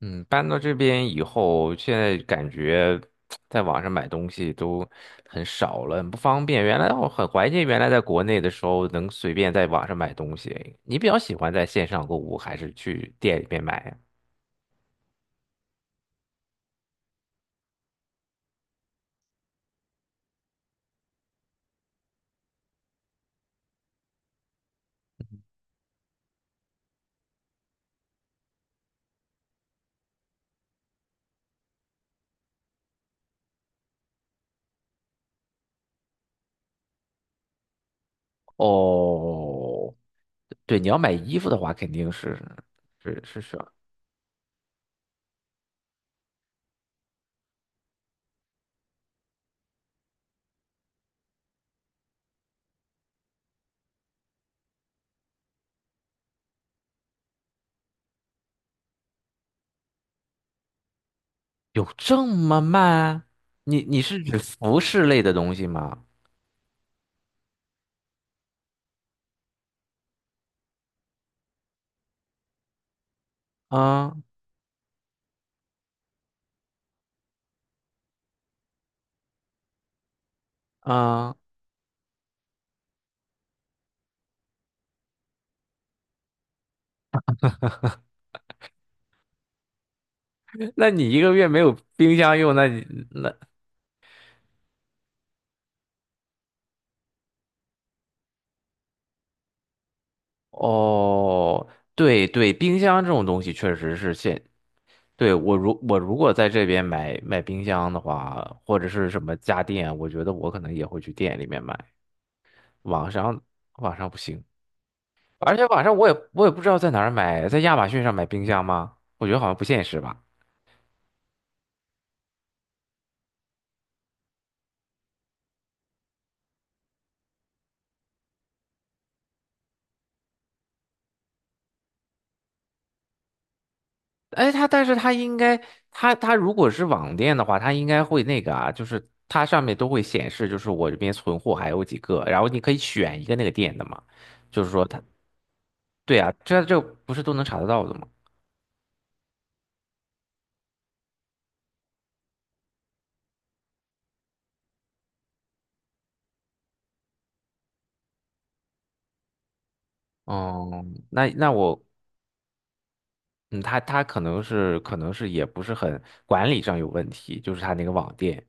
嗯，搬到这边以后，现在感觉在网上买东西都很少了，很不方便。原来我很怀念原来在国内的时候能随便在网上买东西。你比较喜欢在线上购物，还是去店里面买呀？哦，对，你要买衣服的话，肯定是。是是是，有这么慢？你是指服饰类的东西吗？啊啊，那你1个月没有冰箱用，那你那。哦，对对，冰箱这种东西确实是现，对，我如果在这边买冰箱的话，或者是什么家电，我觉得我可能也会去店里面买，网上。网上不行，而且网上我也不知道在哪儿买，在亚马逊上买冰箱吗？我觉得好像不现实吧。哎，它但是它应该，它如果是网店的话，它应该会那个啊，就是它上面都会显示，就是我这边存货还有几个，然后你可以选一个那个店的嘛，就是说它。对啊，这不是都能查得到的吗？哦，那那我，嗯，他他可能是也不是很管理上有问题，就是他那个网店，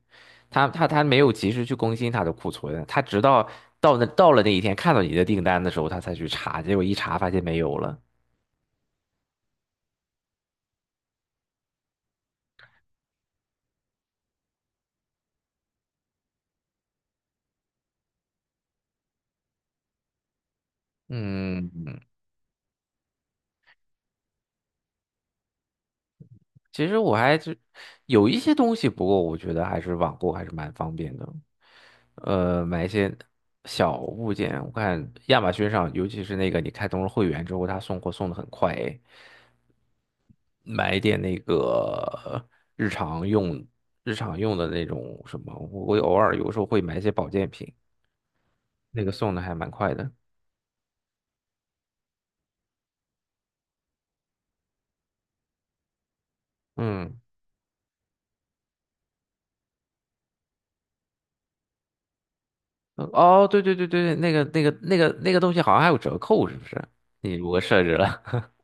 他没有及时去更新他的库存，他直到到那到了那一天看到你的订单的时候，他才去查，结果一查发现没有了。嗯，其实我还是有一些东西，不过我觉得还是网购还是蛮方便的。买一些小物件，我看亚马逊上，尤其是那个你开通了会员之后，他送货送的很快诶。买一点那个日常用、日常用的那种什么，我偶尔有时候会买一些保健品，那个送的还蛮快的。嗯，对对对对，那个东西好像还有折扣，是不是？你如果设置了。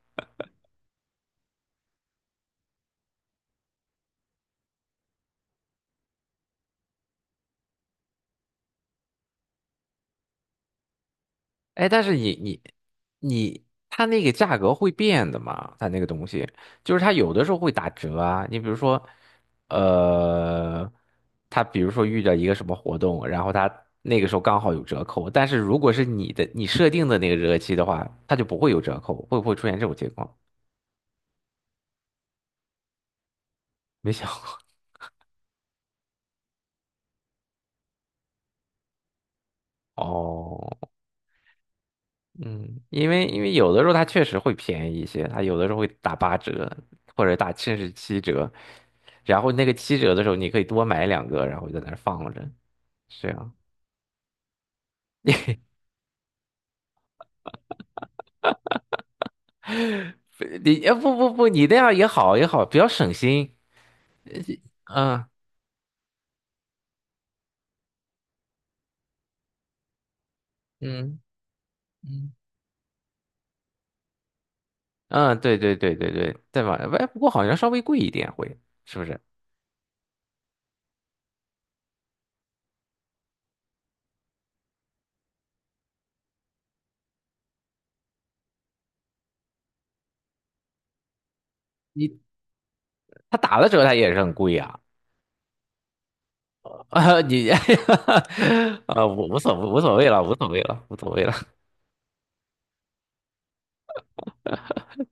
哎，但是你，它那个价格会变的嘛？它那个东西，就是它有的时候会打折啊。你比如说，呃，它比如说遇到一个什么活动，然后它那个时候刚好有折扣，但是如果是你的你设定的那个日期的话，它就不会有折扣，会不会出现这种情况？没想过哦。嗯，因为有的时候它确实会便宜一些，它有的时候会打八折或者打甚至七折，然后那个七折的时候你可以多买两个，然后就在那儿放着，是啊，你不，你那样也好也好，比较省心。嗯嗯嗯，嗯，对对对对对，对吧？哎，不过好像稍微贵一点会，是不是？你他打了折他也是很贵啊，啊。你 啊，我无所谓了，无所谓了，无所谓了。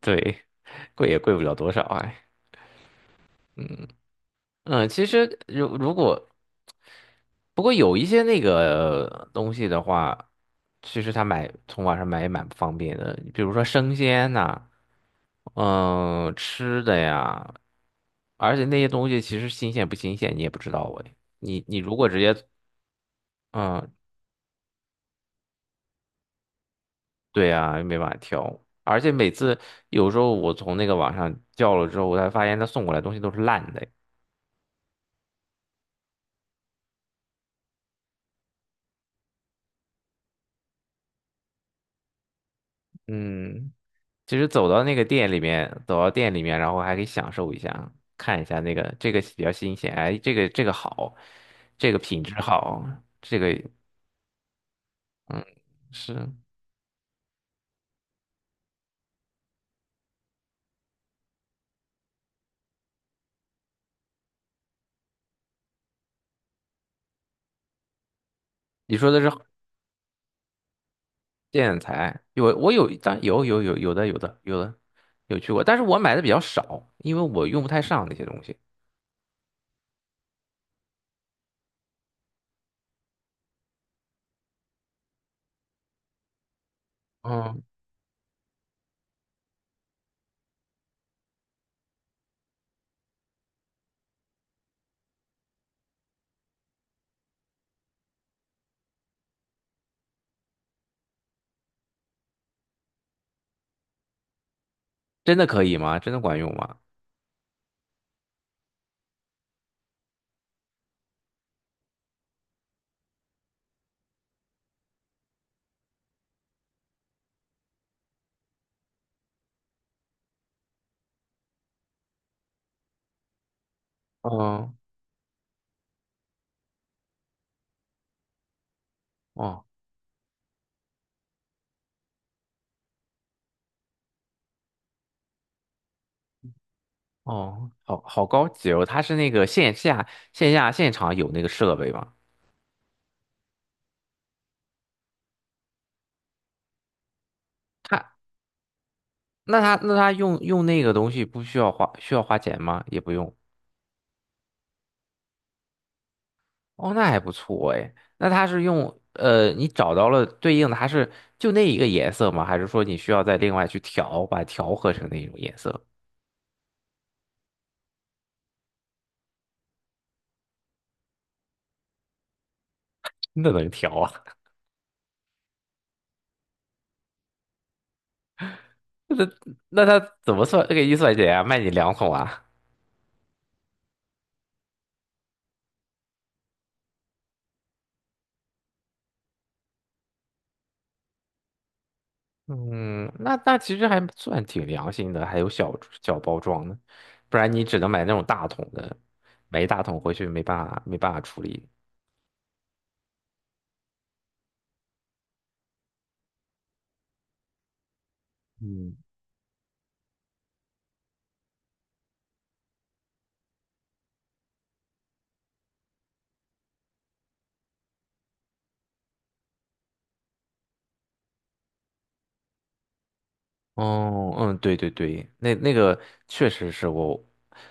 对，贵也贵不了多少哎，嗯其实如果不过有一些那个东西的话，其实他买从网上买也蛮不方便的，比如说生鲜呐、嗯，吃的呀，而且那些东西其实新鲜不新鲜你也不知道哎，你如果直接。嗯，对呀，没办法挑，而且每次有时候我从那个网上叫了之后，我才发现他送过来的东西都是烂的哎。嗯。其实走到那个店里面，走到店里面，然后还可以享受一下，看一下那个这个比较新鲜，哎，这个这个好，这个品质好，这个。嗯，是。你说的是建材，有我有，有有有有的有的有的有去过，但是我买的比较少，因为我用不太上那些东西。嗯，真的可以吗？真的管用吗？嗯哦哦，好好高级哦，它是那个线下现场有那个设备吗？它。那他那他用那个东西不需要需要花钱吗？也不用。哦，那还不错哎。那他是用你找到了对应的，它是就那一个颜色吗？还是说你需要再另外去调，把它调和成那种颜色？那能调啊？那那他怎么算给预算钱啊？卖你两桶啊？嗯，那那其实还算挺良心的，还有小小包装的，不然你只能买那种大桶的，买一大桶回去没办法处理。嗯，哦，嗯，对对对，那那个确实是我，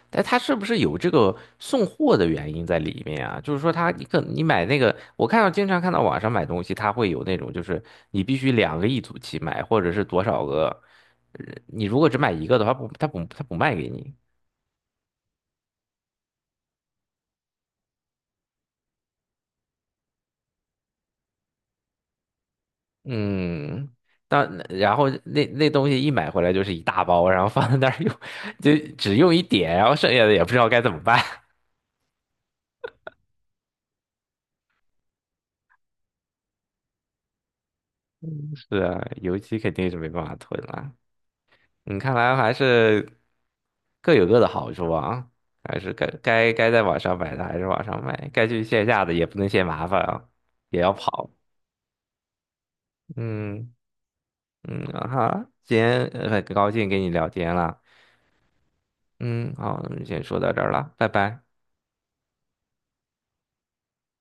但他是不是有这个送货的原因在里面啊？就是说他你可你买那个，我看到经常看到网上买东西，他会有那种就是你必须两个一组去买，或者是多少个，你如果只买一个的话，不，他不卖给你。嗯，但然后那那东西一买回来就是一大包，然后放在那儿用，就只用一点，然后剩下的也不知道该怎么办。是啊，油漆肯定是没办法囤了。你看来还是各有各的好处啊，还是该在网上买的还是网上买，该去线下的也不能嫌麻烦啊，也要跑。嗯嗯啊哈，今天很高兴跟你聊天了。嗯，好，那么先说到这儿了，拜拜。